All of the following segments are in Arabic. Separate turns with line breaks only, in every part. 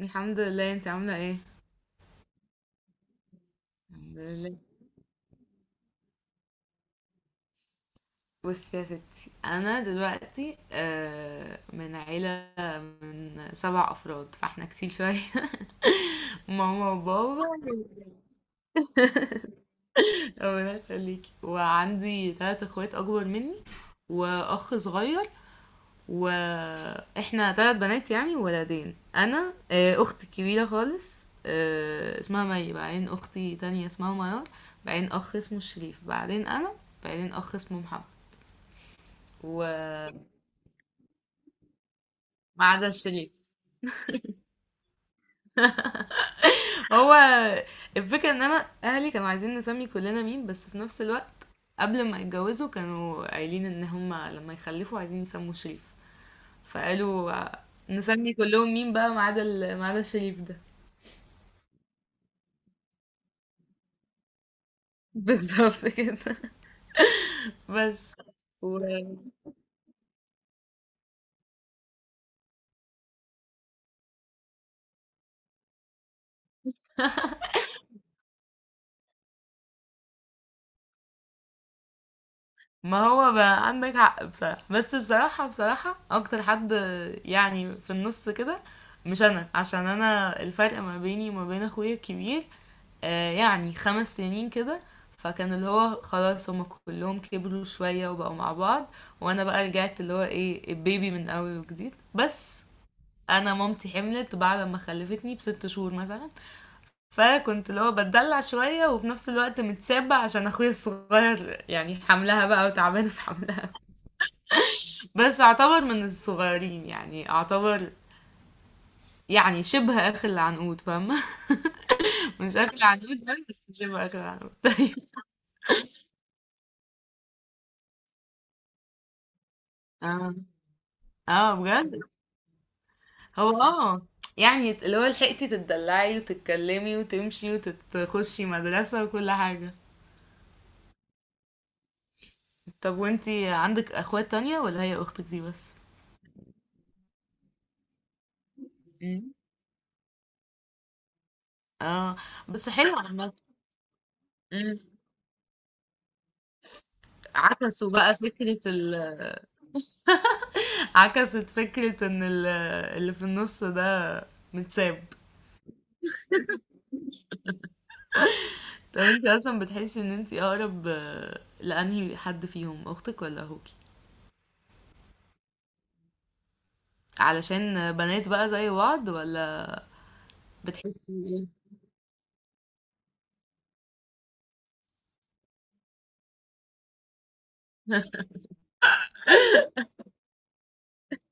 الحمد لله. انت عاملة ايه؟ الحمد لله. بصي يا ستي، انا دلوقتي من عيلة من 7 افراد، فاحنا كتير شوية. ماما وبابا، ربنا يخليكي. وعندي 3 اخوات اكبر مني واخ صغير، واحنا 3 بنات يعني وولدين. انا اختي الكبيرة خالص اسمها مي، بعدين اختي تانية اسمها ميار، بعدين اخ اسمه شريف، بعدين انا، بعدين اخ اسمه محمد. و ما عدا الشريف. هو الفكرة ان انا اهلي كانوا عايزين نسمي كلنا مين، بس في نفس الوقت قبل ما يتجوزوا كانوا قايلين ان هما لما يخلفوا عايزين يسموا شريف، فقالوا نسمي كلهم مين بقى ما عدا ما عدا الشريف ده. بالظبط كده. بس و... ما هو بقى عندك حق بصراحة، بس بصراحة بصراحة أكتر حد يعني في النص كده، مش أنا، عشان أنا الفرق ما بيني وما بين أخويا الكبير يعني 5 سنين كده. فكان اللي هو خلاص هما كلهم كبروا شوية وبقوا مع بعض، وانا بقى رجعت اللي هو ايه، البيبي من اول وجديد. بس انا مامتي حملت بعد ما خلفتني ب6 شهور مثلا، فكنت اللي هو بتدلع شوية وفي نفس الوقت متسابة عشان اخويا الصغير، يعني حملها بقى وتعبانة في حملها. بس اعتبر من الصغيرين، يعني اعتبر، يعني شبه اخ العنقود، فاهمة؟ مش اخ العنقود، بس شبه اخ العنقود. طيب. اه، اه، بجد. هو يعني اللي هو لحقتي تتدلعي وتتكلمي وتمشي وتخشي مدرسة وكل حاجة. طب وانتي عندك اخوات تانية ولا هي اختك دي بس؟ مم. اه، بس حلو عامة. مم. عكسوا بقى فكرة ال عكست فكرة ان اللي في النص ده متساب. طب انتي اصلا بتحسي ان انتي اقرب لانهي حد فيهم، اختك ولا اخوكي؟ علشان بنات بقى زي بعض، ولا بتحسي ايه؟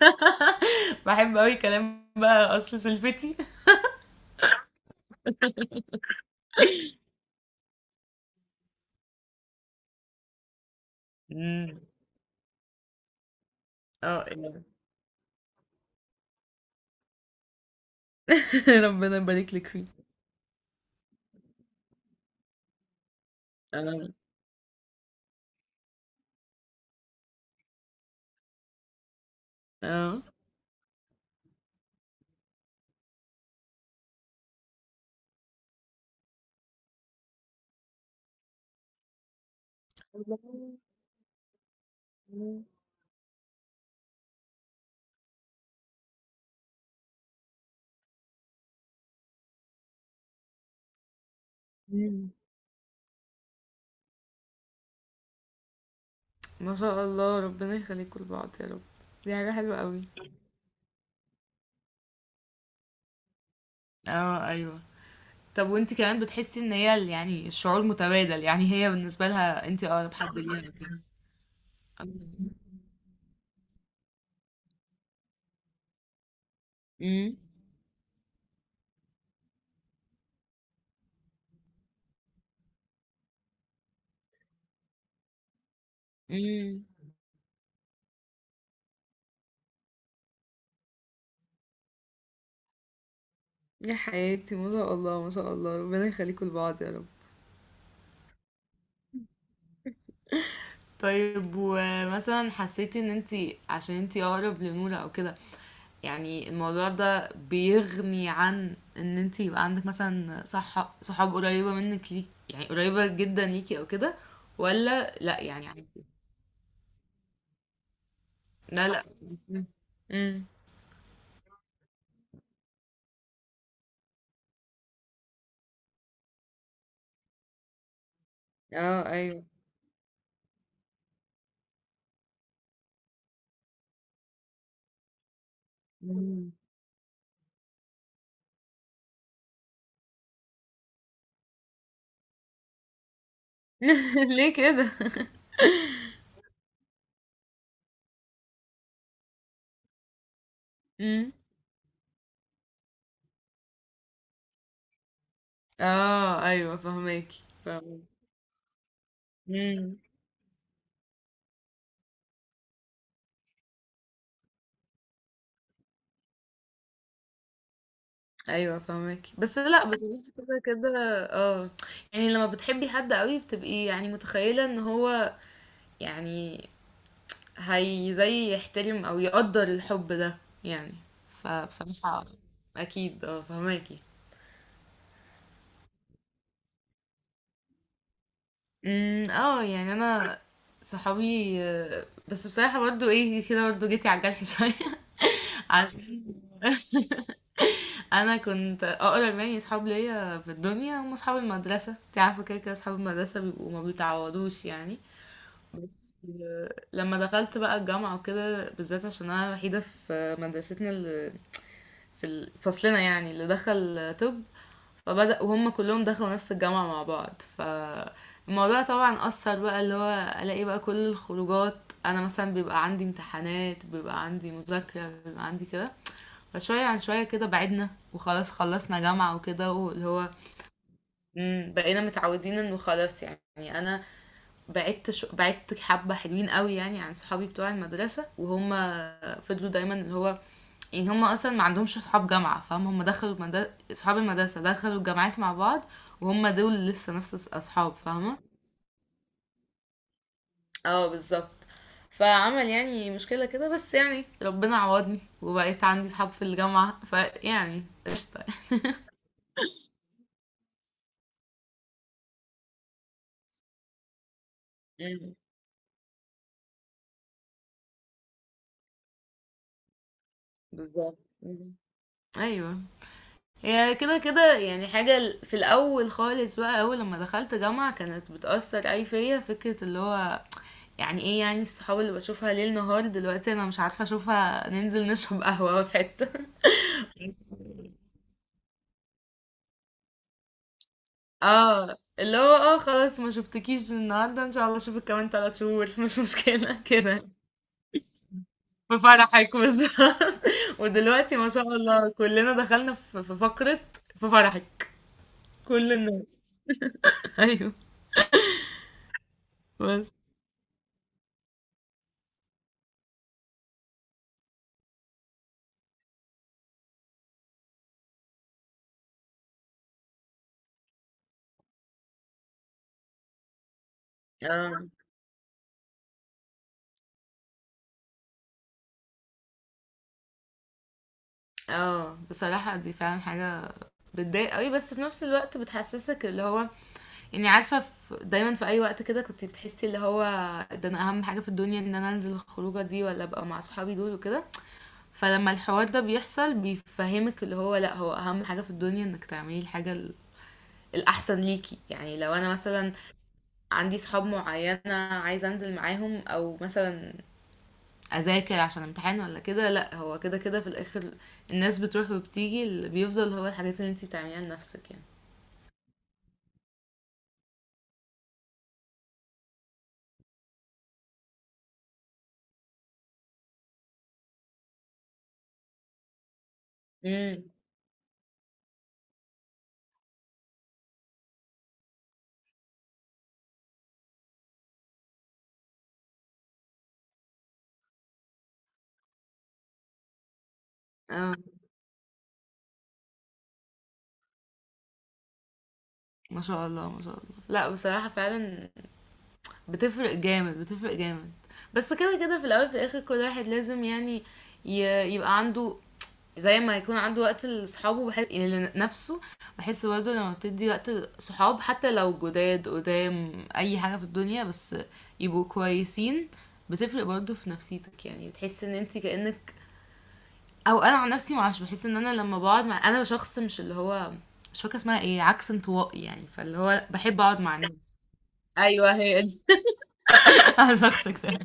باحب أوي كلام بقى، أصل سلفتي. إمم. آه، يعني ربنا يبارك لِك فيه. آه، آه. إمم. ما شاء الله، ربنا يخلّيكم لبعض يا رب. دي حاجة حلوة أوي. آه، أيوه. طَب وأنتِ كمان بتحسّي إن هي يعني الشعور متبادل، يعني هي بالنسبة لها أنتِ أقرب حد ليها وكده. إمم، إمم. يا حياتي، ما شاء الله، ما شاء الله، ربنا يخلّيكم لبعض يا رب. طيب، ومثلا حسيتي ان انتي عشان انتي اقرب لنورة او كده، يعني الموضوع ده بيغني عن ان انتي يبقى عندك مثلا صحاب قريبة منك ليك، يعني قريبة جدا ليكي او كده، ولا لا يعني عادي؟ لا، لا. امم، اه، ايوه. مم. ليه كده؟ امم، اه، ايوه، فهماكي. فهماكي، ايوه، فاهمك. بس لا، بصراحه كده كده. اه، يعني لما بتحبي حد قوي بتبقي يعني متخيله ان هو، يعني هي زي يحترم او يقدر الحب ده يعني. فبصراحه اكيد، اه فهماكي. امم، اه، يعني انا صحابي بس بصراحه برضو ايه كده، برضو جيتي على الجرح شويه. عشان انا كنت اقرب يعني اصحاب ليا في الدنيا هم اصحاب المدرسه، انت عارفه كده كده اصحاب المدرسه بيبقوا ما بيتعوضوش يعني. لما دخلت بقى الجامعة وكده، بالذات عشان أنا الوحيدة في مدرستنا اللي في فصلنا يعني اللي دخل طب، فبدأ وهم كلهم دخلوا نفس الجامعة مع بعض، فالموضوع طبعا أثر بقى، اللي هو ألاقي بقى كل الخروجات، أنا مثلا بيبقى عندي امتحانات، بيبقى عندي مذاكرة، بيبقى عندي كده. فشوية عن شوية كده بعدنا، وخلاص خلصنا جامعة وكده، واللي هو بقينا متعودين انه خلاص يعني. انا بعدت حبة حلوين قوي يعني عن صحابي بتوع المدرسة، وهم فضلوا دايما اللي هو، يعني هم اصلا ما عندهمش صحاب جامعة، فاهم؟ هم دخلوا صحاب المدرسة دخلوا الجامعات مع بعض، وهم دول لسه نفس اصحاب، فاهمة؟ اه، بالظبط. فعمل يعني مشكلة كده، بس يعني ربنا عوضني وبقيت عندي صحاب في الجامعة، فيعني قشطة. مم. بالظبط. مم. ايوه، هي كده كده يعني حاجة في الأول خالص بقى، أول لما دخلت جامعة كانت بتأثر أي فيا، فكرة اللي هو يعني ايه، يعني الصحاب اللي بشوفها ليل نهار دلوقتي أنا مش عارفة أشوفها، ننزل نشرب قهوة في حتة. اه، اللي هو اه خلاص ما شفتكيش النهاردة، ان شاء الله اشوفك كمان 3 شهور، مش مشكلة كده. في فرحك بالظبط. ودلوقتي ما شاء الله كلنا دخلنا في فقرة في فرحك، كل الناس. ايوه. بس اه، بصراحة دي فعلا حاجة بتضايق قوي، بس في نفس الوقت بتحسسك اللي هو يعني، عارفة، في دايما في اي وقت كده كنت بتحسي اللي هو ده انا اهم حاجة في الدنيا، ان انا انزل الخروجة دي ولا ابقى مع صحابي دول وكده. فلما الحوار ده بيحصل بيفهمك اللي هو لا، هو اهم حاجة في الدنيا انك تعملي الحاجة الاحسن ليكي، يعني لو انا مثلا عندي صحاب معينة عايزة انزل معاهم، او مثلا أذاكر عشان امتحان ولا كده، لأ هو كده كده في الآخر الناس بتروح وبتيجي، اللي بيفضل هو الحاجات اللي انتي بتعمليها لنفسِك يعني. امم. آه، ما شاء الله، ما شاء الله. لأ بصراحة فعلًا بتفرق جامد، بتفرق جامد. بس كده كده في الأول في الآخر كل واحد لازم يعني ي يبقى عنده، زي ما يكون عنده وقت لصحابه بحس يعني لنفسه. بحس برضه لما بتدي وقت لصحاب حتى لو جداد قدام اي حاجة في الدنيا، بس يبقوا كويسين، بتفرق برضه في نفسيتك، يعني بتحس ان انت كأنك، او انا عن نفسي معرفش، بحس ان انا لما بقعد مع شخص، مش اللي هو مش فاكرة اسمها ايه، عكس انطوائي يعني، فاللي هو بحب اقعد مع الناس. ايوه، هي دي. على شخصك ده.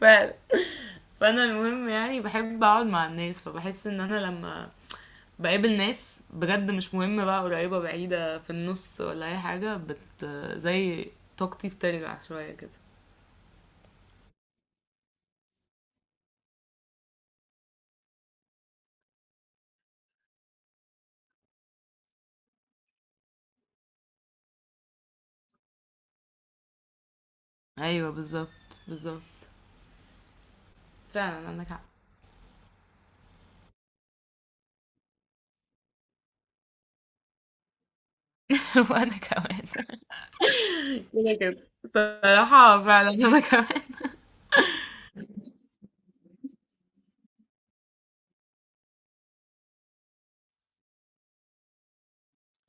فعلا. فانا المهم يعني بحب اقعد مع الناس، فبحس ان انا لما باقابل ناس بجد مش مهم بقى قريبة بعيدة في النص ولا أي حاجة، بت زي طاقتي بترجع شوية كده. أيوه، بالظبط بالظبط، فعلا عندك حق. وأنا كمان كده كده صراحة، فعلا أنا كمان.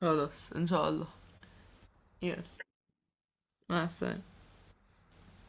خلاص، إن شاء الله. يلا، مع السلامة.